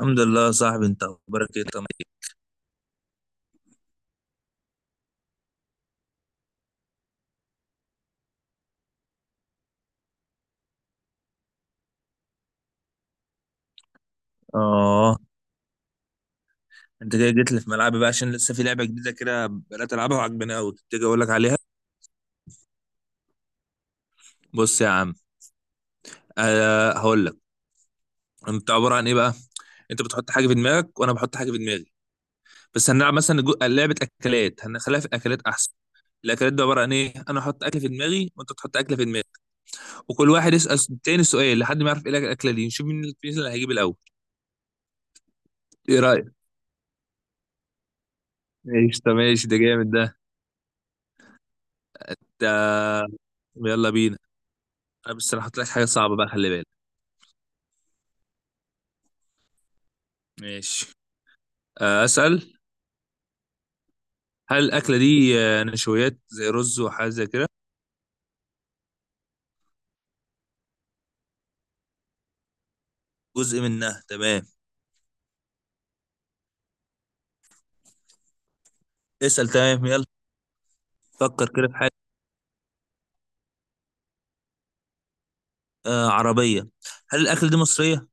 الحمد لله يا صاحبي، انت اخبارك ايه طمع؟ اه انت كده جيت لي في ملعبي بقى، عشان لسه في لعبه جديده كده بدات العبها وعجباني قوي، تيجي اقول لك عليها. بص يا عم، هقول لك. انت عباره عن ايه بقى؟ انت بتحط حاجه في دماغك وانا بحط حاجه في دماغي. بس هنلعب مثلا لعبه اكلات، هنخليها في الاكلات احسن. الاكلات ده عباره عن ايه؟ انا احط اكل في دماغي وانت تحط اكل في دماغك، وكل واحد يسال التاني سؤال لحد ما يعرف ايه الاكله دي. نشوف مين، مين اللي هيجيب الاول. ايه رايك؟ ماشي، طب ماشي، ده جامد ده. ده يلا بينا. انا بس، انا هحط لك حاجه صعبه بقى، خلي بالك. ماشي. أسأل. هل الأكلة دي نشويات زي رز وحاجة زي كده؟ جزء منها تمام. اسأل تمام، يلا. فكر كده في حاجة. آه عربية. هل الأكلة دي مصرية؟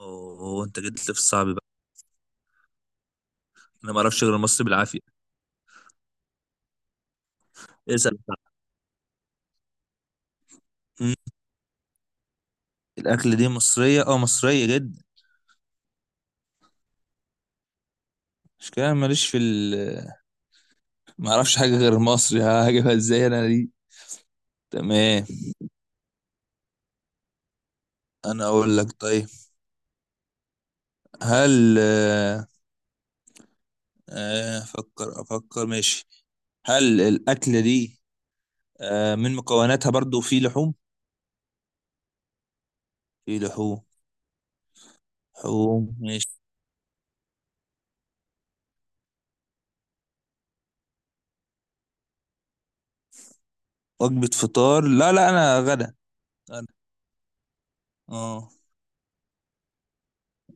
أوه، أنت جيت لي في الصعب بقى. أنا ما أعرفش غير مصر بالعافية. اسأل. مم، الأكلة دي مصرية، أه مصرية جدا. مش كده، أنا ماليش في ال، ما أعرفش حاجة غير مصري. ها، هجيبها إزاي أنا دي؟ تمام، أنا أقول لك. طيب هل أفكر أفكر ماشي. هل الأكلة دي من مكوناتها برضو في لحوم. في لحوم. لحوم ماشي. وجبة فطار؟ لا لا، أنا غدا. أنا. اه.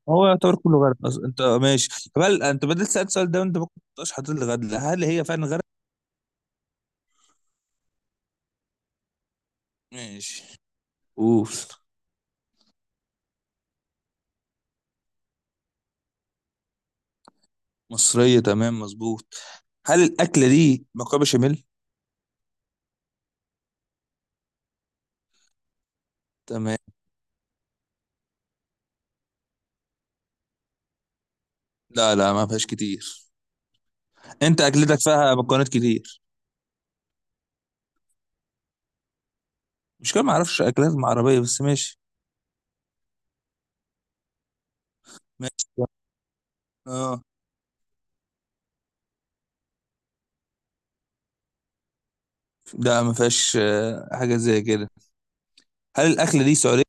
هو يعتبر كله غدا. أنت ماشي. هل أنت بدل سألت السؤال ده وأنت ما كنتش حاطط لي غدا، هل هي فعلا غدا؟ ماشي. أوف. مصرية تمام مظبوط. هل الأكلة دي مكرونة بشاميل؟ تمام، لا لا، ما فيهاش كتير. أنت أكلتك فيها مكونات كتير. مش كده، ما أعرفش أكلات عربية، بس ماشي. ماشي. اه. لا، ما فيهاش حاجة زي كده. هل الأكلة دي سعودية؟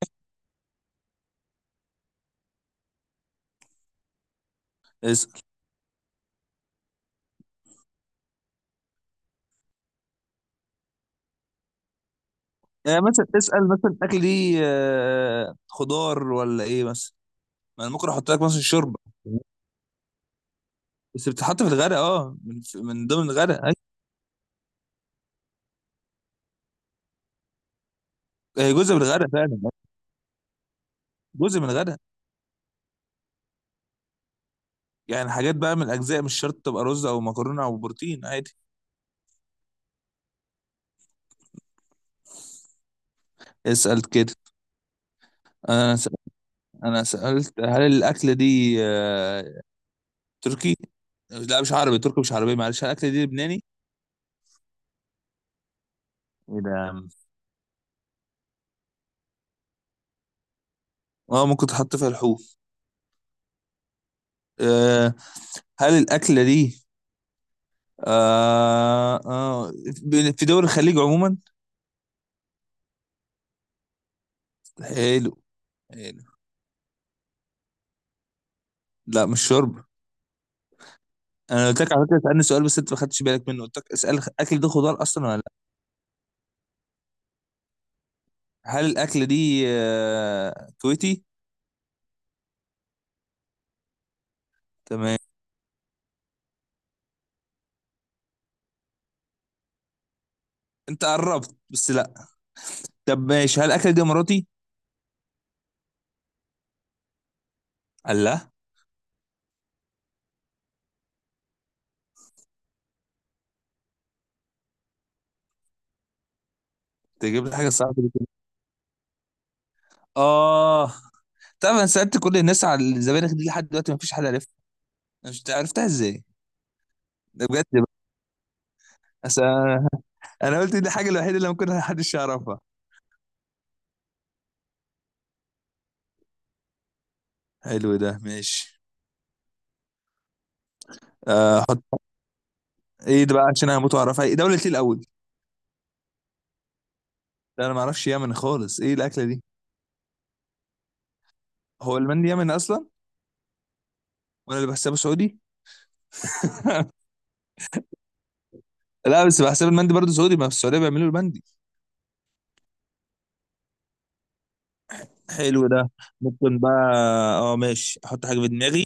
اسأل. يعني مثلا اسأل، مثلا الأكل دي خضار ولا إيه مثلا؟ ما أنا ممكن أحط لك مثلا الشوربة. بس بتتحط في الغداء، أه من ضمن الغداء أيوة. هي جزء من الغداء فعلا، جزء من الغداء. يعني حاجات بقى من الأجزاء، مش شرط تبقى رز أو مكرونة أو بروتين عادي. اسأل كده. أنا سألت. أنا سألت هل الأكلة دي تركي. لا، مش عربي، تركي مش عربي معلش. هل الأكلة دي لبناني؟ إيه ده يا عم؟ اه ممكن تحط فيها لحوم. آه، هل الأكلة دي آه آه في دول الخليج عموما؟ حلو. حلو. لا مش شرب. انا قلت لك على فكره اسالني سؤال، بس انت ما خدتش بالك منه، قلت لك اسال الاكل ده خضار اصلا ولا لا. هل الاكل دي كويتي؟ تمام. انت قربت بس لا. طب ماشي، هل الاكل دي اماراتي؟ الله. تجيب لي حاجه صعبه دي كده. اه. طب انا سالت كل الناس على الزبانخ دي لحد دلوقتي، ما فيش حد عرفها. أنا مش عرفتها ازاي. ده بجد بقى. أصل انا. أنا قلت دي الحاجه الوحيده اللي ممكن محدش يعرفها. حلو ده، ماشي. احط. ايه ده بقى؟ عشان انا هموت واعرفها. ايه دولة ايه الاول؟ ده انا ما اعرفش يمن خالص. ايه الاكله دي؟ هو المندي يمني اصلا؟ وانا اللي بحسبه سعودي. لا بس بحسب المندي برضه سعودي، ما في السعوديه بيعملوا المندي. حلو ده. ممكن بقى. اه ماشي، احط حاجه في دماغي.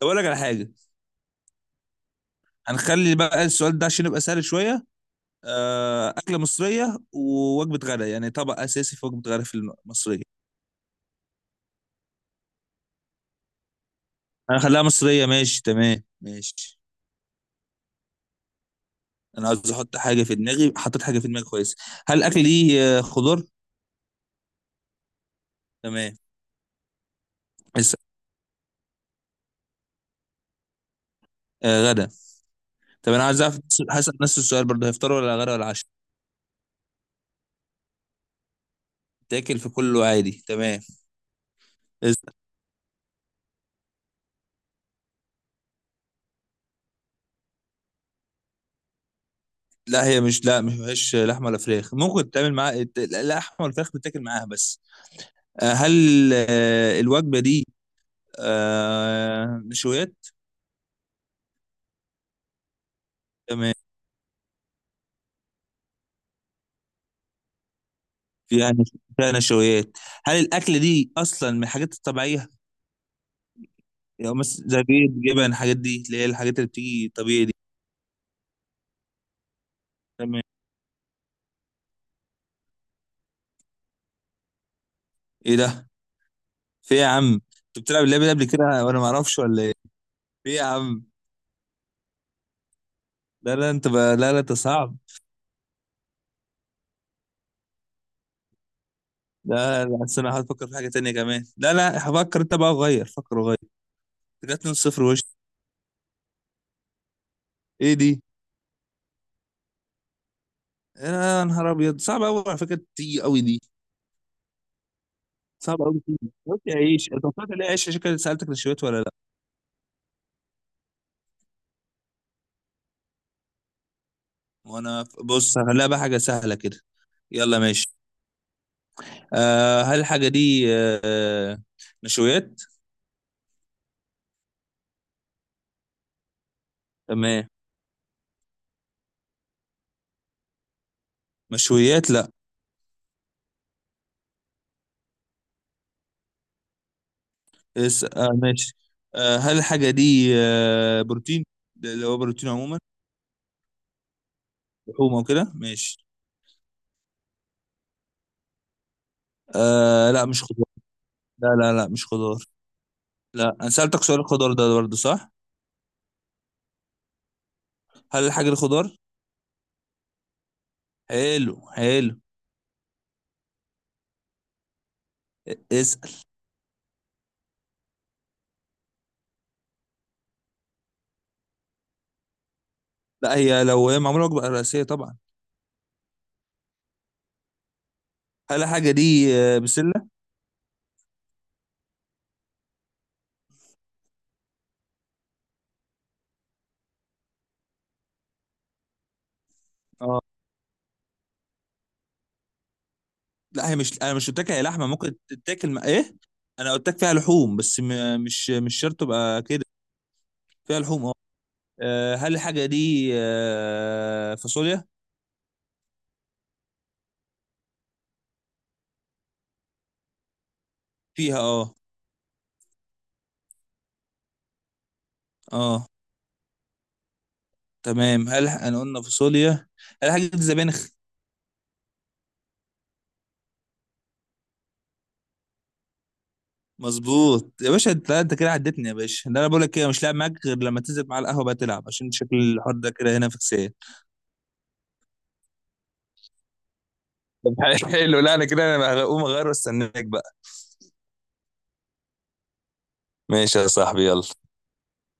طب اقول لك على حاجه. هنخلي بقى السؤال ده عشان يبقى سهل شويه. اكله مصريه ووجبه غدا، يعني طبق اساسي في وجبه غدا في المصريه. هنخليها مصريه ماشي، تمام ماشي. انا عاوز احط حاجه في دماغي، حطيت حاجه في دماغي كويس. هل الاكل ليه خضار؟ تمام. اسأل. آه غدا. طب انا عايز اعرف هسأل نفس السؤال برضه، هيفطروا ولا غدا ولا عشاء؟ تاكل في كله عادي، تمام. اسأل. لا هي مش، لا ما فيهاش لحمه ولا فراخ، ممكن تعمل معاها اللحمه والفراخ بتاكل معاها بس. آه هل الوجبه دي نشويات؟ تمام. فيها فيها نشويات. هل الاكل دي اصلا من الحاجات الطبيعيه؟ يعني مثلا زي بيض جبن، الحاجات دي اللي هي الحاجات اللي بتيجي طبيعي دي. تمام. ايه ده؟ في إيه يا عم، انت بتلعب اللعبه دي قبل كده وانا ما اعرفش ولا ايه؟ في إيه يا عم. لا لا انت بقى، لا لا انت صعب. لا لا، أصل انا هفكر في حاجه تانية كمان، لا لا هفكر انت بقى، غير، فكر غير. جات 2 0 وش. ايه دي؟ يا نهار ابيض، صعب قوي على فكره، تيجي قوي دي. صعب قوي تيجي. قلت يا عيش، انت طلعت ليه عيش، عشان كده سالتك نشويت ولا لا. بص هخليها بقى حاجه سهله كده. يلا ماشي. آه هل الحاجه دي آه نشويات؟ تمام. مشويات، لا. ماشي. آه هل الحاجه دي بروتين؟ ده اللي هو بروتين عموما، لحوم او كده ماشي. آه لا مش خضار. لا لا لا مش خضار. لا انا سألتك سؤال الخضار ده برضه صح. هل الحاجة دي خضار؟ حلو حلو. اسأل. لا هي، لو هي معمولة وجبة رئيسية طبعا. هل الحاجة دي بسلة؟ اه لا، هي مش، انا مش قلت لك هي لحمة ممكن تتاكل مع ايه، انا قلت لك فيها لحوم بس، مش شرط تبقى كده. فيها لحوم اه. هل الحاجة دي فاصوليا؟ فيها اه. اه تمام، هل انا قلنا فاصوليا. هل الحاجة دي زبانخ؟ مظبوط يا باشا، انت لا، انت كده عدتني يا باشا، ده انا بقول لك كده مش لاعب معاك غير لما تنزل معاه القهوه بقى تلعب، عشان شكل الحوار ده كده هنا فكسان. طب. حلو، لا انا كده انا هقوم اغير واستناك بقى. ماشي يا صاحبي، يلا